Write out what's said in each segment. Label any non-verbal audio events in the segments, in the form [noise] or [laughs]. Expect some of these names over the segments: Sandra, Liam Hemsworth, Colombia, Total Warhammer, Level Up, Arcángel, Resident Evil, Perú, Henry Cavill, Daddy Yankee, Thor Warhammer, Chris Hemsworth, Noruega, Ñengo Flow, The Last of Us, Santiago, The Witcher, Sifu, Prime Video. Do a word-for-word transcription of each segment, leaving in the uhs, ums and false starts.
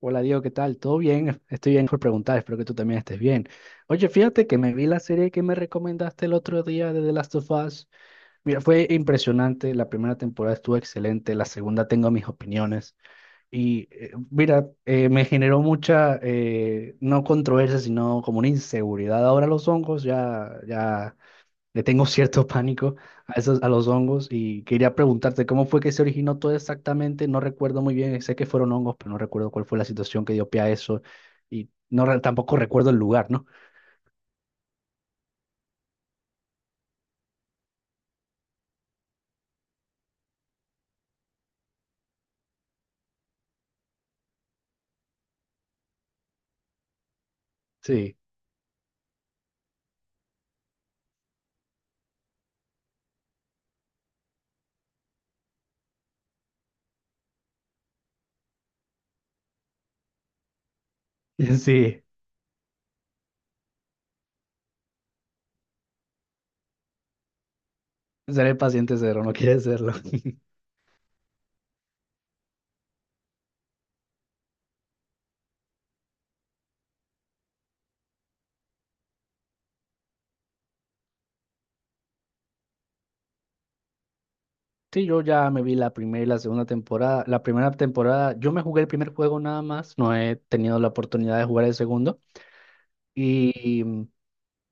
Hola Diego, ¿qué tal? ¿Todo bien? Estoy bien por preguntar, espero que tú también estés bien. Oye, fíjate que me vi la serie que me recomendaste el otro día de The Last of Us. Mira, fue impresionante, la primera temporada estuvo excelente, la segunda tengo mis opiniones y eh, mira, eh, me generó mucha, eh, no controversia, sino como una inseguridad. Ahora los hongos ya, ya le tengo [laughs] cierto pánico a esos, a los hongos, y quería preguntarte cómo fue que se originó todo exactamente. No recuerdo muy bien, sé que fueron hongos, pero no recuerdo cuál fue la situación que dio pie a eso, y no re- tampoco recuerdo el lugar, ¿no? Sí, [laughs] sí, seré paciente cero, no quiere serlo. [laughs] Sí, yo ya me vi la primera y la segunda temporada. La primera temporada, yo me jugué el primer juego nada más, no he tenido la oportunidad de jugar el segundo. Y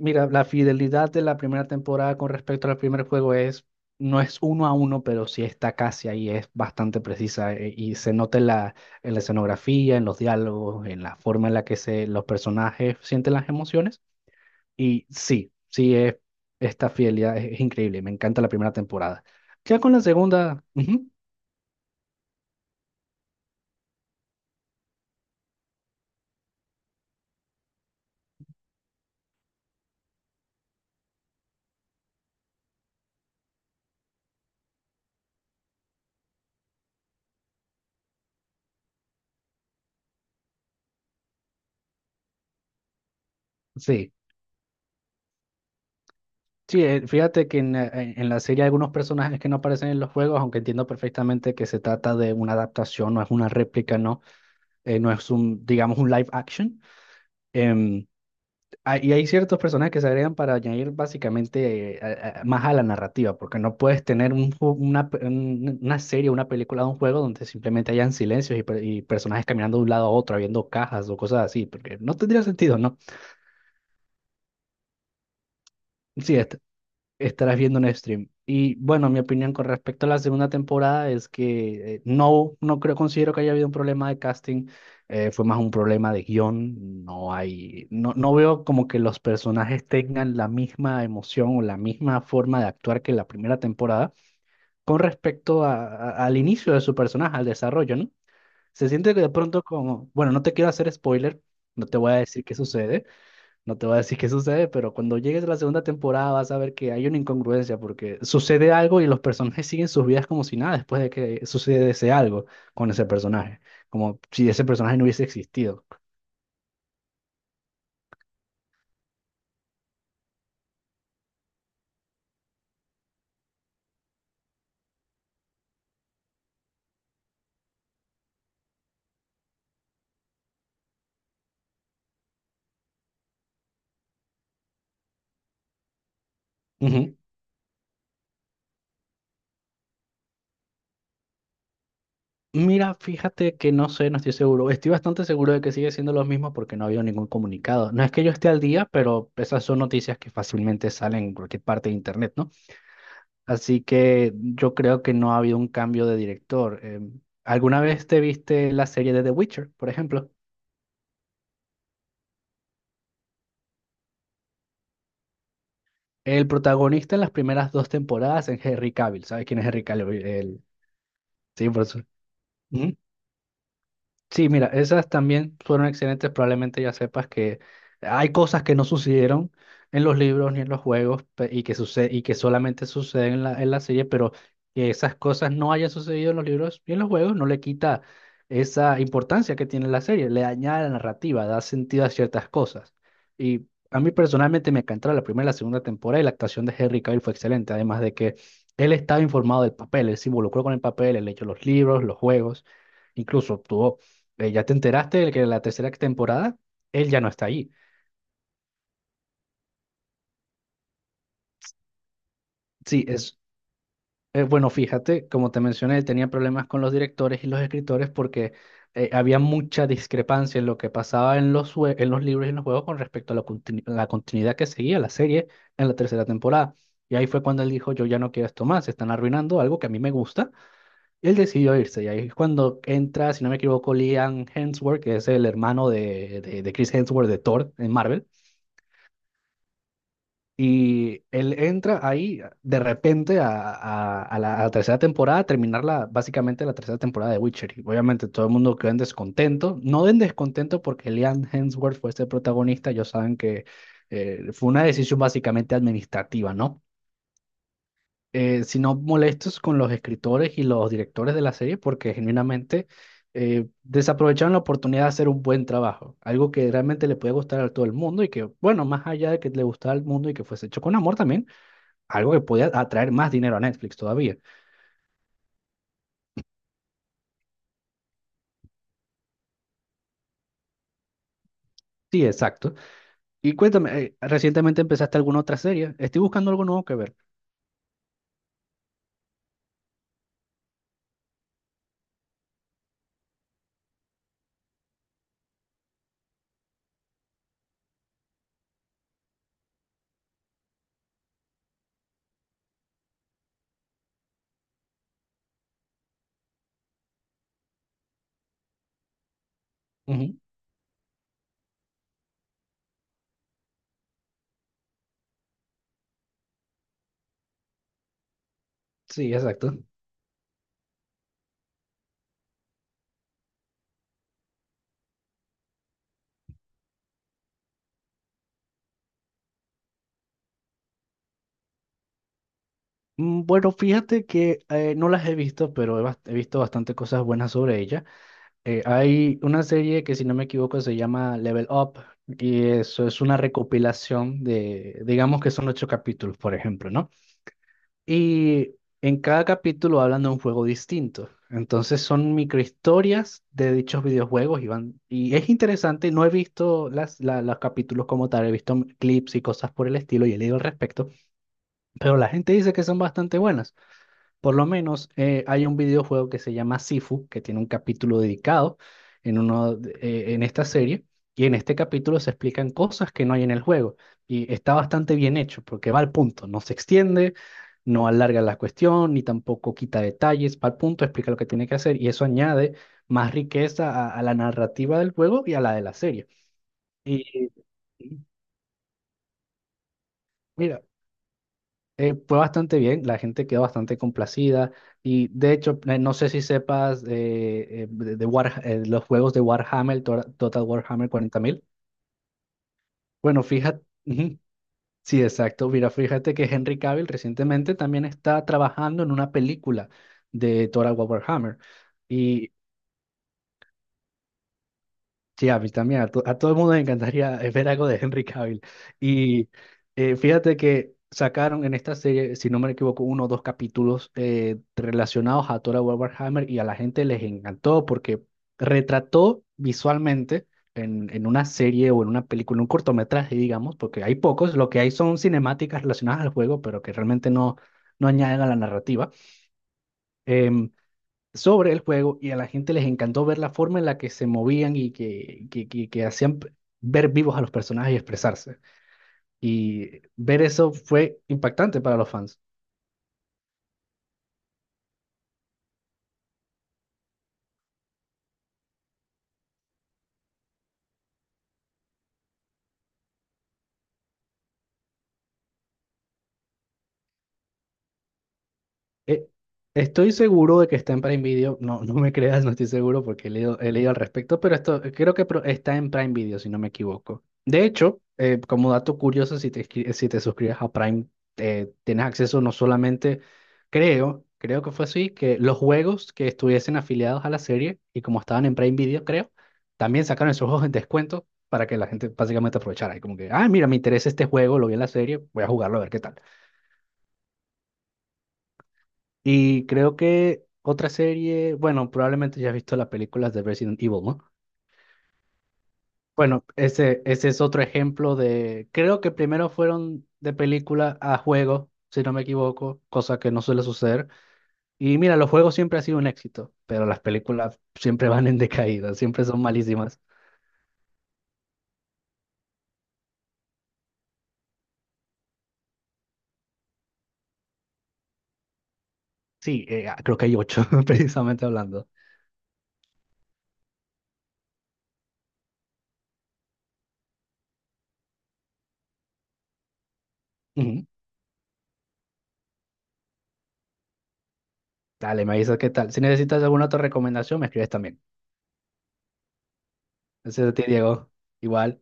mira, la fidelidad de la primera temporada con respecto al primer juego es, no es uno a uno, pero sí está casi ahí, es bastante precisa, eh, y se nota en la, en la escenografía, en los diálogos, en la forma en la que se, los personajes sienten las emociones. Y sí, sí, es, esta fidelidad es, es increíble, me encanta la primera temporada. Ya con la segunda, ujú, sí. Sí, eh, fíjate que en, la en- en la serie hay algunos personajes que no aparecen en los juegos, aunque entiendo perfectamente que se trata de una adaptación, no es una réplica, ¿no? Eh, no es un, digamos, un live action. Em, ah, y hay ciertos personajes que se agregan para añadir básicamente, eh, a- a- más a la narrativa, porque no puedes tener un ju- una, pe- un- una serie, una película, un juego donde simplemente hayan silencios y, per- y personajes caminando de un lado a otro, abriendo cajas o cosas así, porque no tendría sentido, ¿no? Sí, este, estarás viendo un stream. Y bueno, mi opinión con respecto a la segunda temporada es que, eh, no, no creo, considero que haya habido un problema de casting. Eh, fue más un problema de guión, no hay, no, no veo como que los personajes tengan la misma emoción o la misma forma de actuar que la primera temporada con respecto a- a- al inicio de su personaje, al desarrollo, ¿no? Se siente que de pronto como, bueno, no te quiero hacer spoiler, no te voy a decir qué sucede no te voy a decir qué sucede, pero cuando llegues a la segunda temporada vas a ver que hay una incongruencia porque sucede algo y los personajes siguen sus vidas como si nada después de que sucede ese algo con ese personaje, como si ese personaje no hubiese existido. Ujú. Mira, fíjate que no sé, no estoy seguro. Estoy bastante seguro de que sigue siendo lo mismo porque no ha habido ningún comunicado. No es que yo esté al día, pero esas son noticias que fácilmente salen en cualquier parte de internet, ¿no? Así que yo creo que no ha habido un cambio de director. Em, ¿alguna vez te viste la serie de The Witcher, por ejemplo? El protagonista en las primeras dos temporadas es Henry Cavill. ¿Sabes quién es Henry Cavill? El... Sí, por eso. Sí, mira, esas también fueron excelentes. Probablemente ya sepas que hay cosas que no sucedieron en los libros ni en los juegos, pe- y que sucede, y que solamente suceden en la, en la serie, pero que esas cosas no hayan sucedido en los libros ni en los juegos no le quita esa importancia que tiene la serie, le añade la narrativa, da sentido a ciertas cosas. Y a mí personalmente me encantó la primera y la segunda temporada, y la actuación de Henry Cavill fue excelente, además de que él estaba informado del papel, él se involucró con el papel, él leyó los libros, los juegos, incluso obtuvo, eh, ¿ya te enteraste de que la tercera temporada, él ya no está ahí? Sí, es, eh, bueno, fíjate, como te mencioné, él tenía problemas con los directores y los escritores porque, eh, había mucha discrepancia en lo que pasaba en los, jue- en los libros y en los juegos con respecto a la, continu- la continuidad que seguía la serie en la tercera temporada. Y ahí fue cuando él dijo, yo ya no quiero esto más, están arruinando algo que a mí me gusta. Él decidió irse y ahí es cuando entra, si no me equivoco, Liam Hemsworth, que es el hermano de, de, de Chris Hemsworth, de Thor en Marvel. Y él entra ahí de repente a, a- a la, a la tercera temporada, a terminar la, básicamente la tercera temporada de Witcher. Y obviamente todo el mundo quedó en descontento. No en descontento porque Liam Hemsworth fue este protagonista. Ellos saben que, eh, fue una decisión básicamente administrativa, ¿no? Eh, sino molestos con los escritores y los directores de la serie porque genuinamente, eh, desaprovecharon la oportunidad de hacer un buen trabajo. Algo que realmente le puede gustar a todo el mundo y que, bueno, más allá de que le gustara al mundo y que fuese hecho con amor, también algo que podía atraer más dinero a Netflix todavía. Sí, exacto. Y cuéntame, eh, ¿recientemente empezaste alguna otra serie? Estoy buscando algo nuevo que ver. Ujú. Sí, exacto. Mm, Bueno, fíjate que, eh, no las he visto, pero he, bas- he visto bastante cosas buenas sobre ella. Eh, hay una serie que, si no me equivoco, se llama Level Up, y eso es una recopilación de, digamos que son ocho capítulos, por ejemplo, ¿no? Y en cada capítulo hablan de un juego distinto. Entonces son microhistorias de dichos videojuegos y van- y es interesante, no he visto las, la- los capítulos como tal, he visto clips y cosas por el estilo y he leído al respecto, pero la gente dice que son bastante buenas. Por lo menos, eh, hay un videojuego que se llama Sifu, que tiene un capítulo dedicado en, uno de- eh, en esta serie, y en este capítulo se explican cosas que no hay en el juego, y está bastante bien hecho porque va al punto, no se extiende, no alarga la cuestión, ni tampoco quita detalles, va al punto, explica lo que tiene que hacer, y eso añade más riqueza a, a la narrativa del juego y a la de la serie. Y y, mira, Eh, fue bastante bien, la gente quedó bastante complacida, y de hecho, eh, no sé si sepas, eh, eh, de, de War- eh, los juegos de Warhammer, Tora- Total Warhammer cuarenta mil. Bueno, fíjate, [laughs] ujú, sí, exacto, mira, fíjate que Henry Cavill recientemente también está trabajando en una película de Total Warhammer. Y sí, a mí también, a, to- a todo el mundo le encantaría, eh, ver algo de Henry Cavill. Y, eh, fíjate que sacaron en esta serie, si no me equivoco, uno o dos capítulos, eh, relacionados a Thor Warhammer, y a la gente les encantó porque retrató visualmente, en, en una serie o en una película, en un cortometraje, digamos, porque hay pocos, lo que hay son cinemáticas relacionadas al juego, pero que realmente no, no añaden a la narrativa Em, sobre el juego, y a la gente les encantó ver la forma en la que se movían y que, que, que, que hacían p- ver vivos a los personajes y expresarse. Y ver eso fue impactante para los fans. Eh, Estoy seguro de que está en Prime Video. No, no me creas, no estoy seguro porque he leído, he leído al respecto, pero esto creo que pro- está en Prime Video, si no me equivoco. De hecho, eh, como dato curioso, si te, escri- si te suscribes a Prime, eh, tienes acceso no solamente, creo, creo que fue así, que los juegos que estuviesen afiliados a la serie y como estaban en Prime Video, creo, también sacaron esos juegos en descuento para que la gente básicamente aprovechara. Y como que, ah, mira, me interesa este juego, lo vi en la serie, voy a jugarlo a ver qué tal. Y creo que otra serie, bueno, probablemente ya has visto las películas de Resident Evil, ¿no? Bueno, ese, ese es otro ejemplo de, creo que primero fueron de película a juego, si no me equivoco, cosa que no suele suceder. Y mira, los juegos siempre han sido un éxito, pero las películas siempre van en [laughs] decaída, siempre son malísimas. Sí, eh, ah, creo que hay ocho, [laughs] precisamente hablando. Ujú. Dale, me avisas qué tal. Si necesitas alguna otra recomendación, me escribes también. Gracias a ti, Diego. Igual.